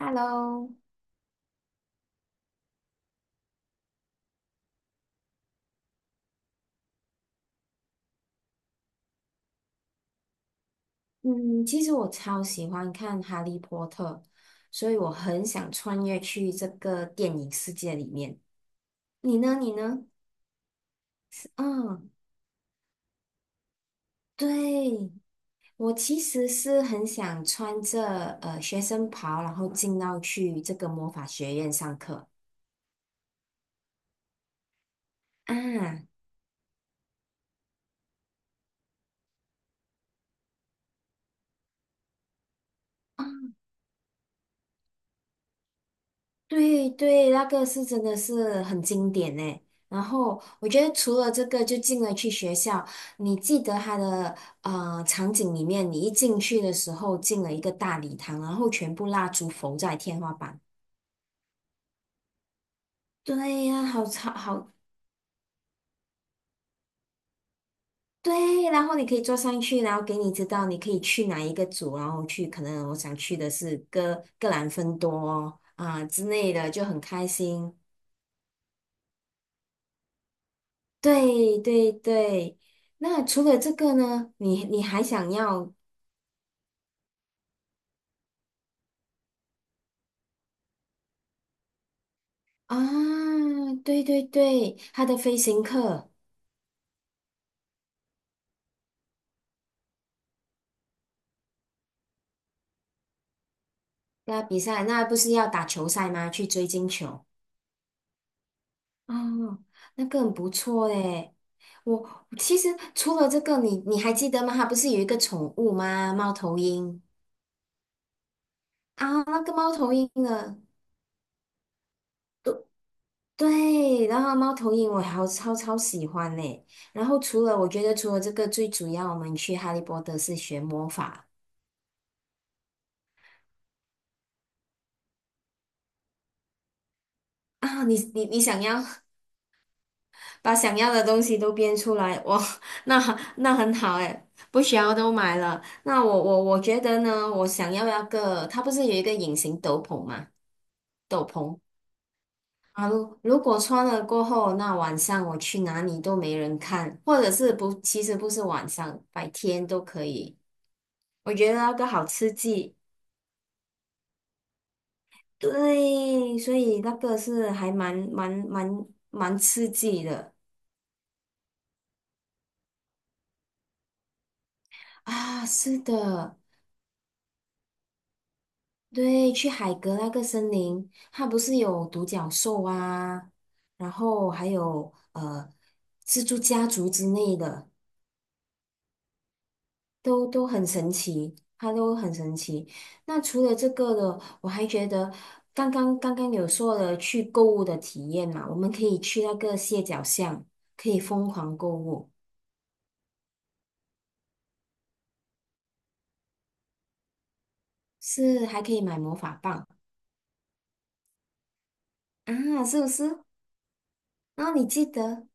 Hello。嗯，其实我超喜欢看《哈利波特》，所以我很想穿越去这个电影世界里面。你呢？你呢？嗯，对，我其实是很想穿着学生袍，然后进到去这个魔法学院上课啊。对对，那个是真的是很经典呢。然后我觉得除了这个，就进了去学校，你记得它的场景里面，你一进去的时候进了一个大礼堂，然后全部蜡烛浮在天花板。对呀、好吵，好对，然后你可以坐上去，然后给你知道你可以去哪一个组，然后去可能我想去的是哥格兰芬多啊、之类的，就很开心。对对对，那除了这个呢，你还想要啊？对对对，他的飞行课那比赛，那不是要打球赛吗？去追金球哦，那个很不错诶。我其实除了这个，你还记得吗？他不是有一个宠物吗？猫头鹰啊，那个猫头鹰呢？对，然后猫头鹰我好超喜欢呢。然后除了我觉得除了这个，最主要我们去哈利波特是学魔法啊。你想要把想要的东西都编出来，哇，那那很好诶，不需要都买了。那我觉得呢，我想要那个，它不是有一个隐形斗篷吗？斗篷啊，如果穿了过后，那晚上我去哪里都没人看，或者是不，其实不是晚上，白天都可以。我觉得那个好刺激，对，所以那个是还蛮刺激的啊，是的，对，去海格那个森林，它不是有独角兽啊，然后还有蜘蛛家族之类的，都很神奇，它都很神奇。那除了这个的，我还觉得刚刚有说了去购物的体验嘛，我们可以去那个蟹脚巷，可以疯狂购物。是还可以买魔法棒啊，是不是？然后你记得，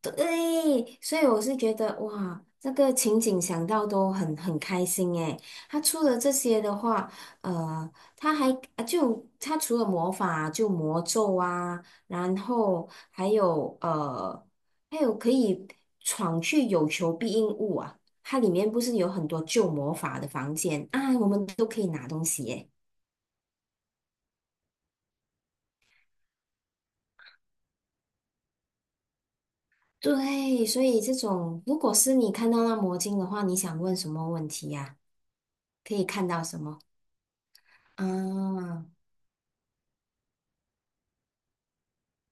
对，所以我是觉得哇，这个情景想到都很开心诶。他出了这些的话，呃，他还啊就他除了魔法就魔咒啊，然后还有还有可以闯去有求必应物啊。它里面不是有很多旧魔法的房间啊，我们都可以拿东西耶。对，所以这种如果是你看到那魔镜的话，你想问什么问题呀、可以看到什么？啊，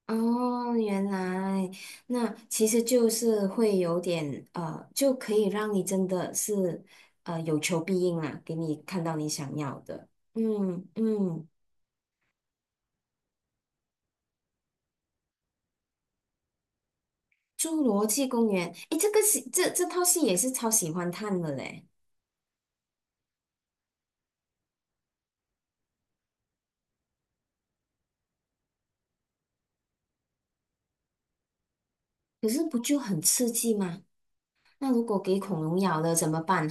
哦，原来那其实就是会有点就可以让你真的是有求必应啦，给你看到你想要的。嗯嗯，《侏罗纪公园》诶，这个戏这套戏也是超喜欢看的嘞，可是不就很刺激吗？那如果给恐龙咬了怎么办？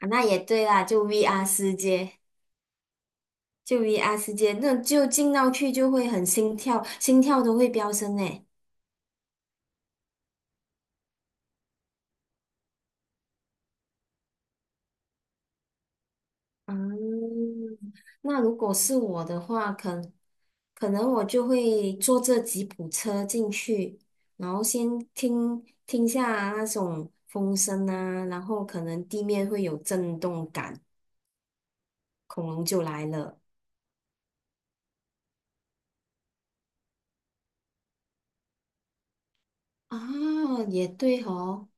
啊，那也对啦，就 VR 世界，就 VR 世界，那就进到去就会很心跳，心跳都会飙升诶。嗯，那如果是我的话，可能我就会坐这吉普车进去，然后先听听下啊那种风声啊，然后可能地面会有震动感，恐龙就来了。啊，也对哦。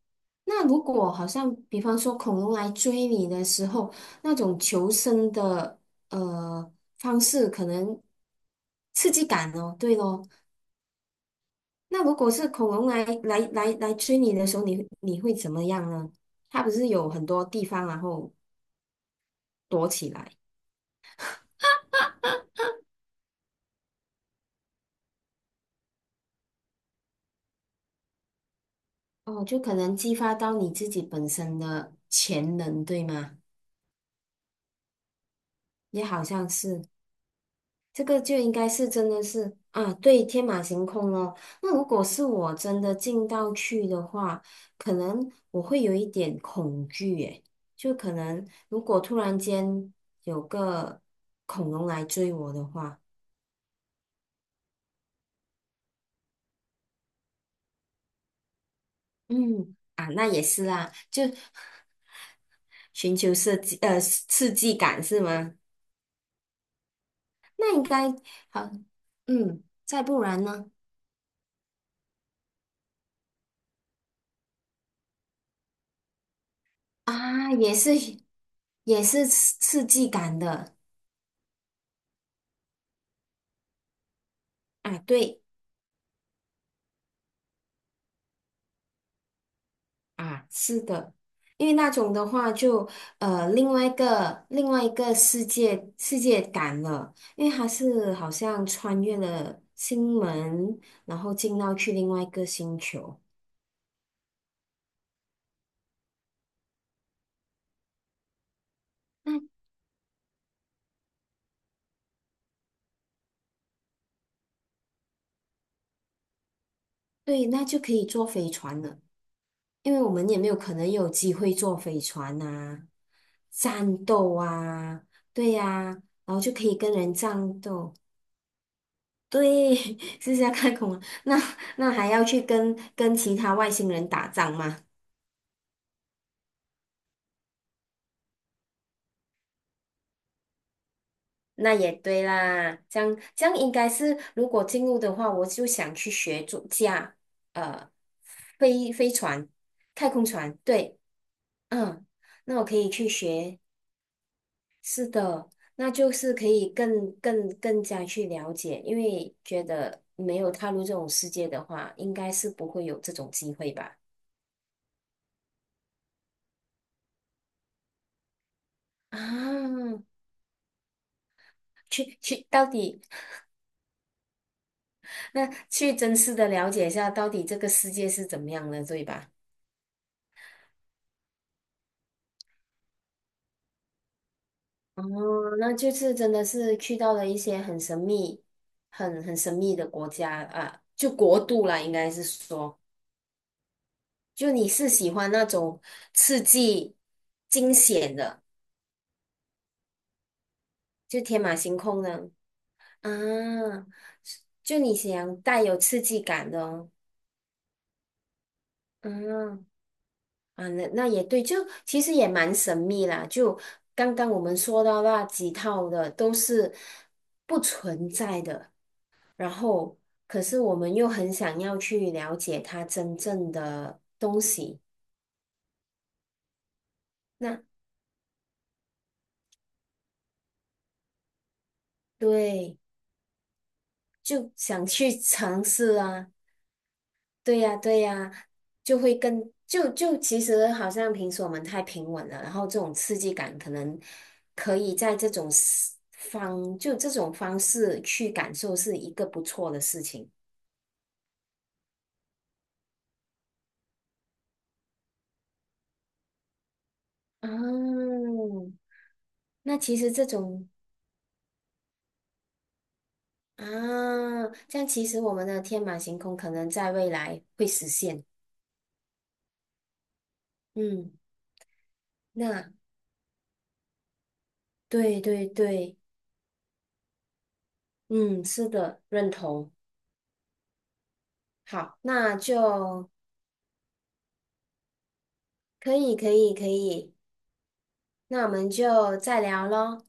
那如果好像，比方说恐龙来追你的时候，那种求生的呃方式，可能刺激感哦，对咯。那如果是恐龙来追你的时候，你会怎么样呢？它不是有很多地方然后躲起来哦，就可能激发到你自己本身的潜能，对吗？也好像是。这个就应该是真的是啊，对，天马行空哦，那如果是我真的进到去的话，可能我会有一点恐惧，诶，就可能如果突然间有个恐龙来追我的话，嗯，寻求设计刺激感是吗？那应该好，嗯，再不然呢？啊，也是也是刺刺激感的啊，对。啊，是的，因为那种的话就另外一个世界感了，因为它是好像穿越了星门，然后进到去另外一个星球。那对，那就可以坐飞船了，因为我们也没有可能有机会坐飞船呐。战斗啊，对呀、然后就可以跟人战斗。对，是这样看恐龙，那那还要去跟其他外星人打仗吗？那也对啦，这样应该是，如果进入的话，我就想去学主驾，呃，飞船、太空船，对，嗯，那我可以去学，是的，那就是可以更加去了解，因为觉得没有踏入这种世界的话，应该是不会有这种机会吧？啊，去去，到底那去真实的了解一下，到底这个世界是怎么样的，对吧？哦，那这次真的是去到了一些很神秘、很神秘的国家啊，就国度啦，应该是说，就你是喜欢那种刺激、惊险的，就天马行空的啊，就你想带有刺激感的哦，嗯啊，那那也对，就其实也蛮神秘啦，就刚刚我们说到那几套的都是不存在的。然后可是我们又很想要去了解它真正的东西，那对，就想去尝试啊，对呀，对呀，就会更就就其实好像平时我们太平稳了，然后这种刺激感可能可以在这种 方就这种方式去感受是一个不错的事情啊。那其实这种。啊，这样其实我们的天马行空可能在未来会实现。嗯，那对对对，嗯，是的，认同。好，那就可以可以可以，那我们就再聊喽，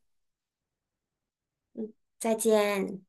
再见。